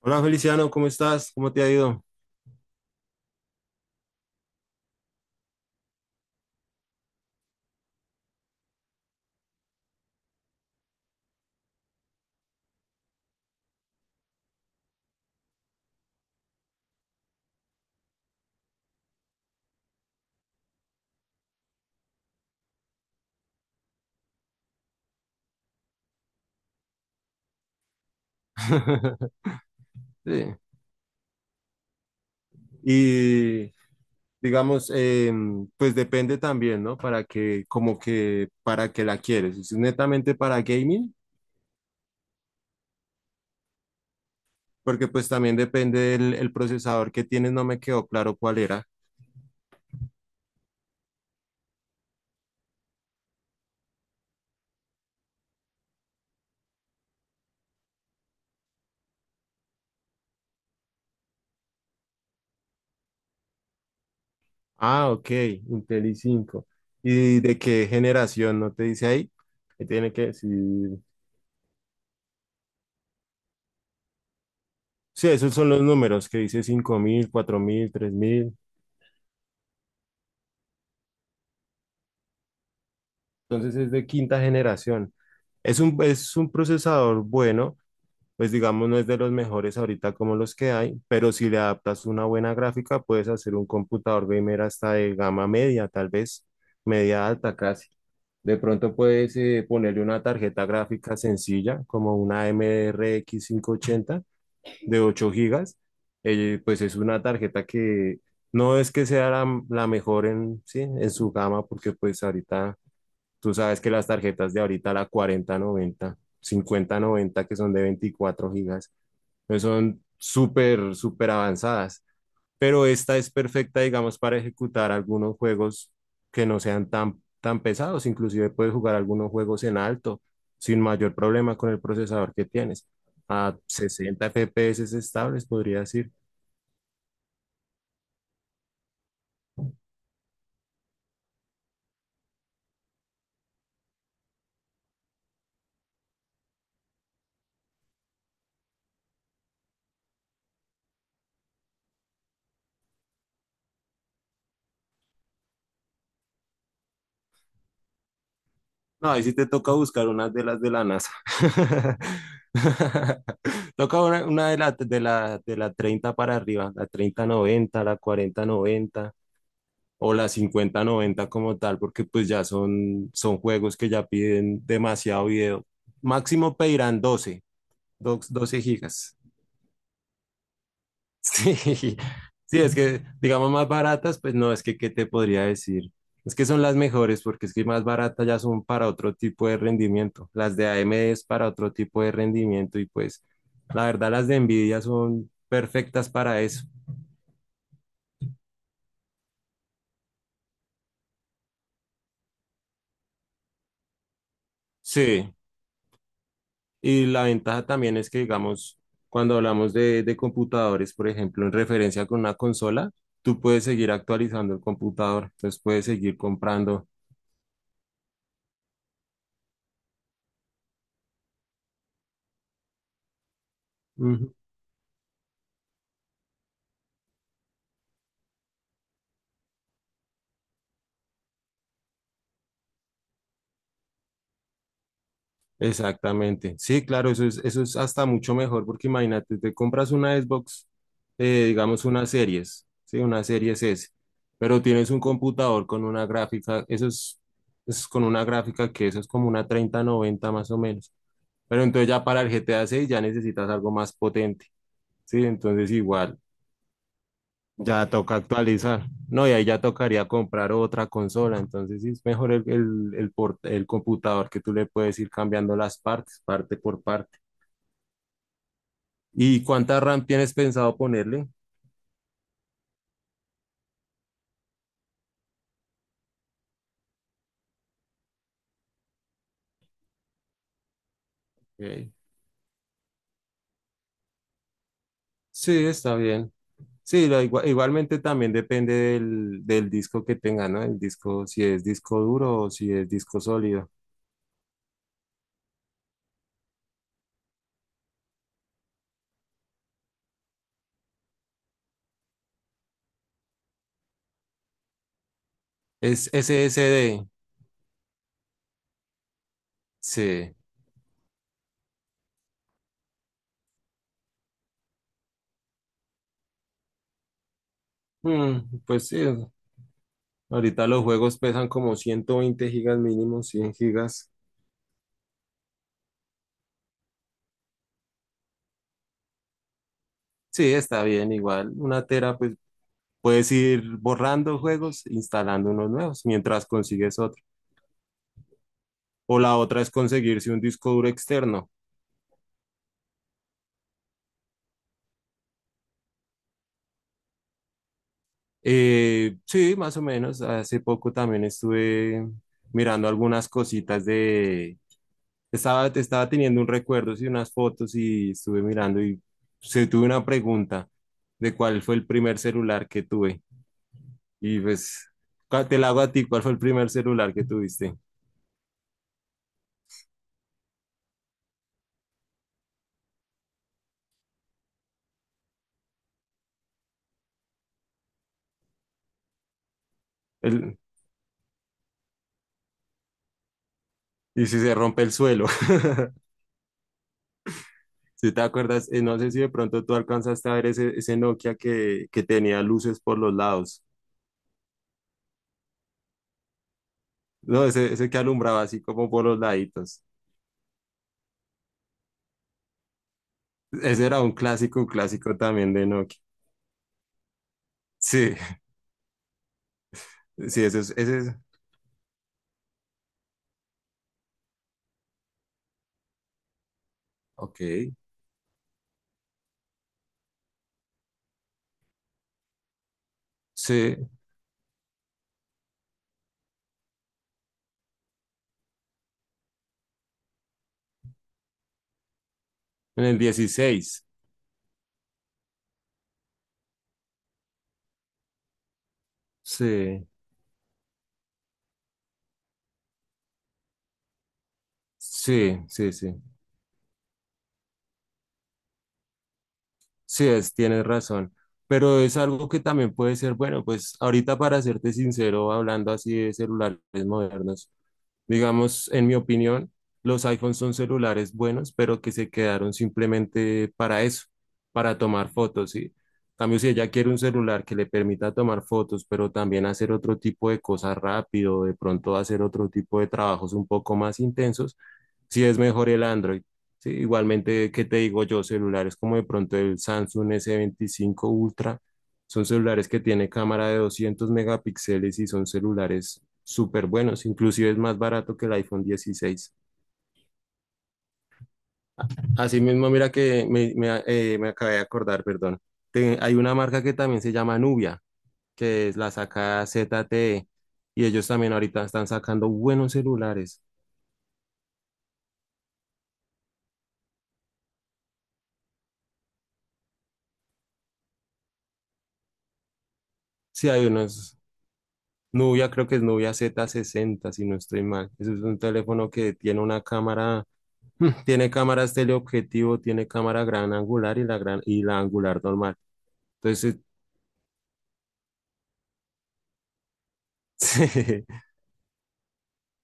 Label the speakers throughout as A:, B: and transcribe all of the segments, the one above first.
A: Hola Feliciano, ¿cómo estás? ¿Cómo te ha ido? Sí. Y digamos, pues depende también, ¿no? Para que, como que, para que la quieres. Si es netamente para gaming, porque pues también depende del el procesador que tienes, no me quedó claro cuál era. Ah, ok, Intel i5. ¿Y de qué generación? ¿No te dice ahí? Que tiene que decir. Sí, esos son los números que dice 5000, 4000, 3000. Entonces es de quinta generación. Es un procesador bueno, pues digamos no es de los mejores ahorita como los que hay, pero si le adaptas una buena gráfica puedes hacer un computador gamer hasta de gama media, tal vez media alta casi. De pronto puedes ponerle una tarjeta gráfica sencilla como una MRX 80 de 8 gigas. Pues es una tarjeta que no es que sea la mejor en, sí, en su gama, porque pues ahorita tú sabes que las tarjetas de ahorita, la cuarenta noventa, 5090 que son de 24 gigas, pues son súper, súper avanzadas. Pero esta es perfecta, digamos, para ejecutar algunos juegos que no sean tan, tan pesados. Inclusive puedes jugar algunos juegos en alto sin mayor problema con el procesador que tienes. A 60 FPS estables, podría decir. No, ahí sí te toca buscar unas de las de la NASA. Toca una de la 30 para arriba, la 3090, la 4090 o la 5090 como tal, porque pues ya son juegos que ya piden demasiado video. Máximo pedirán doce gigas. Sí, sí, es que, digamos, más baratas, pues no, es que, ¿qué te podría decir? Es que son las mejores, porque es que más baratas ya son para otro tipo de rendimiento. Las de AMD es para otro tipo de rendimiento y pues, la verdad, las de Nvidia son perfectas para eso. Sí, y la ventaja también es que, digamos, cuando hablamos de computadores, por ejemplo, en referencia con una consola, tú puedes seguir actualizando el computador, entonces puedes seguir comprando. Exactamente. Sí, claro, eso es hasta mucho mejor, porque imagínate, te compras una Xbox, digamos unas series, sí, una series S, pero tienes un computador con una gráfica, es con una gráfica que eso es como una 3090 más o menos. Pero entonces ya para el GTA 6 ya necesitas algo más potente, sí, entonces igual ya toca actualizar. No, y ahí ya tocaría comprar otra consola, entonces sí es mejor el computador que tú le puedes ir cambiando las partes, parte por parte. ¿Y cuánta RAM tienes pensado ponerle? Ok. Sí, está bien. Sí, igualmente también depende del disco que tenga, ¿no? El disco, si es disco duro o si es disco sólido. Es SSD. Sí. Pues sí, ahorita los juegos pesan como 120 gigas mínimo, 100 gigas. Sí, está bien, igual. Una tera, pues puedes ir borrando juegos, instalando unos nuevos mientras consigues otro. O la otra es conseguirse un disco duro externo. Sí, más o menos. Hace poco también estuve mirando algunas cositas de. Estaba teniendo un recuerdo y unas fotos, y estuve mirando y se tuve una pregunta de cuál fue el primer celular que tuve. Y pues te la hago a ti, ¿cuál fue el primer celular que tuviste? El- y si se rompe el suelo. Si te acuerdas, no sé si de pronto tú alcanzaste a ver ese, ese Nokia que tenía luces por los lados. No, ese que alumbraba así como por los laditos. Ese era un clásico también de Nokia. Sí, sí, ese es, ese es. Ok. Sí, en el 16. Sí, sí, sí, sí. Sí, tienes razón. Pero es algo que también puede ser, bueno, pues ahorita, para serte sincero, hablando así de celulares modernos, digamos, en mi opinión, los iPhones son celulares buenos, pero que se quedaron simplemente para eso, para tomar fotos, ¿sí? En cambio, si ella quiere un celular que le permita tomar fotos, pero también hacer otro tipo de cosas rápido, de pronto hacer otro tipo de trabajos un poco más intensos, sí es mejor el Android. Sí, igualmente, ¿qué te digo yo? Celulares como de pronto el Samsung S25 Ultra son celulares que tienen cámara de 200 megapíxeles y son celulares súper buenos, inclusive es más barato que el iPhone 16. Asimismo, mira que me acabé de acordar, perdón. Hay una marca que también se llama Nubia, que es la saca ZTE, y ellos también ahorita están sacando buenos celulares. Sí, hay unos. Nubia, creo que es Nubia Z60, si no estoy mal. Ese es un teléfono que tiene una cámara. Tiene cámaras teleobjetivo, tiene cámara gran angular y la gran y la angular normal. Entonces, si,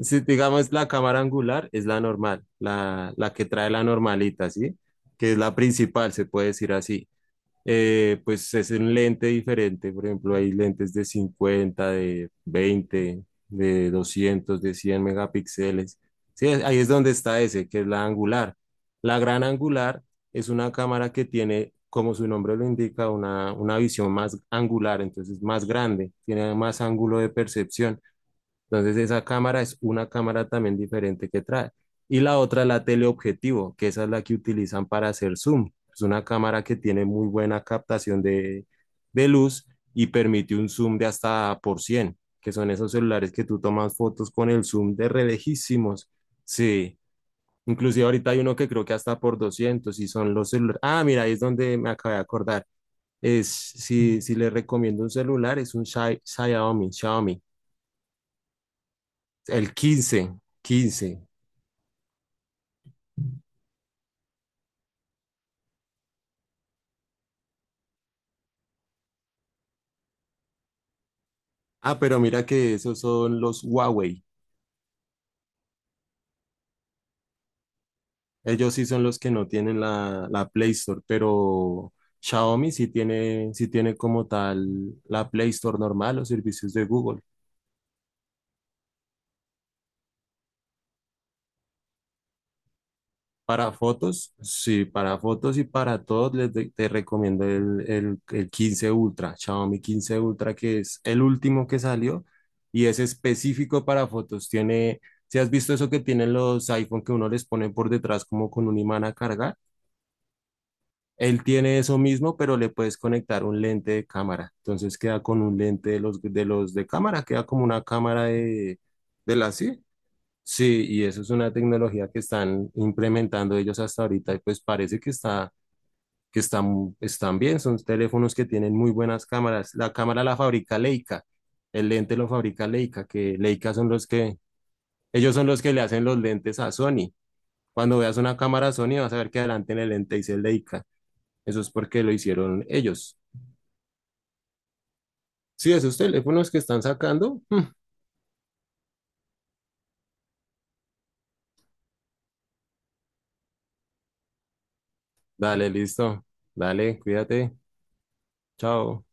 A: si digamos, la cámara angular es la normal, la que trae la normalita, ¿sí? Que es la principal, se puede decir así. Pues es un lente diferente. Por ejemplo, hay lentes de 50, de 20, de 200, de 100 megapíxeles. Sí, ahí es donde está ese, que es la angular. La gran angular es una cámara que tiene, como su nombre lo indica, una visión más angular, entonces más grande, tiene más ángulo de percepción. Entonces esa cámara es una cámara también diferente que trae. Y la otra es la teleobjetivo, que esa es la que utilizan para hacer zoom. Es una cámara que tiene muy buena captación de luz y permite un zoom de hasta por 100, que son esos celulares que tú tomas fotos con el zoom de re lejísimos. Sí, inclusive ahorita hay uno que creo que hasta por 200, y son los celulares. Ah, mira, ahí es donde me acabé de acordar. Es, si, si les recomiendo un celular, es un Xiaomi. El quince. Ah, pero mira que esos son los Huawei. Ellos sí son los que no tienen la Play Store, pero Xiaomi sí tiene como tal la Play Store normal, los servicios de Google. Para fotos, sí, para fotos y para todos te recomiendo el 15 Ultra, Xiaomi 15 Ultra, que es el último que salió y es específico para fotos. Tiene, si has visto eso que tienen los iPhone que uno les pone por detrás como con un imán a cargar? Él tiene eso mismo, pero le puedes conectar un lente de cámara. Entonces queda con un lente de los de cámara, queda como una cámara de la sí. Sí, y eso es una tecnología que están implementando ellos hasta ahorita y pues parece que están bien. Son teléfonos que tienen muy buenas cámaras. La cámara la fabrica Leica, el lente lo fabrica Leica, que Leica son los que, ellos son los que le hacen los lentes a Sony. Cuando veas una cámara Sony, vas a ver que adelante en el lente dice Leica. Eso es porque lo hicieron ellos. Sí, es usted, teléfonos que están sacando. Dale, listo. Dale, cuídate. Chao.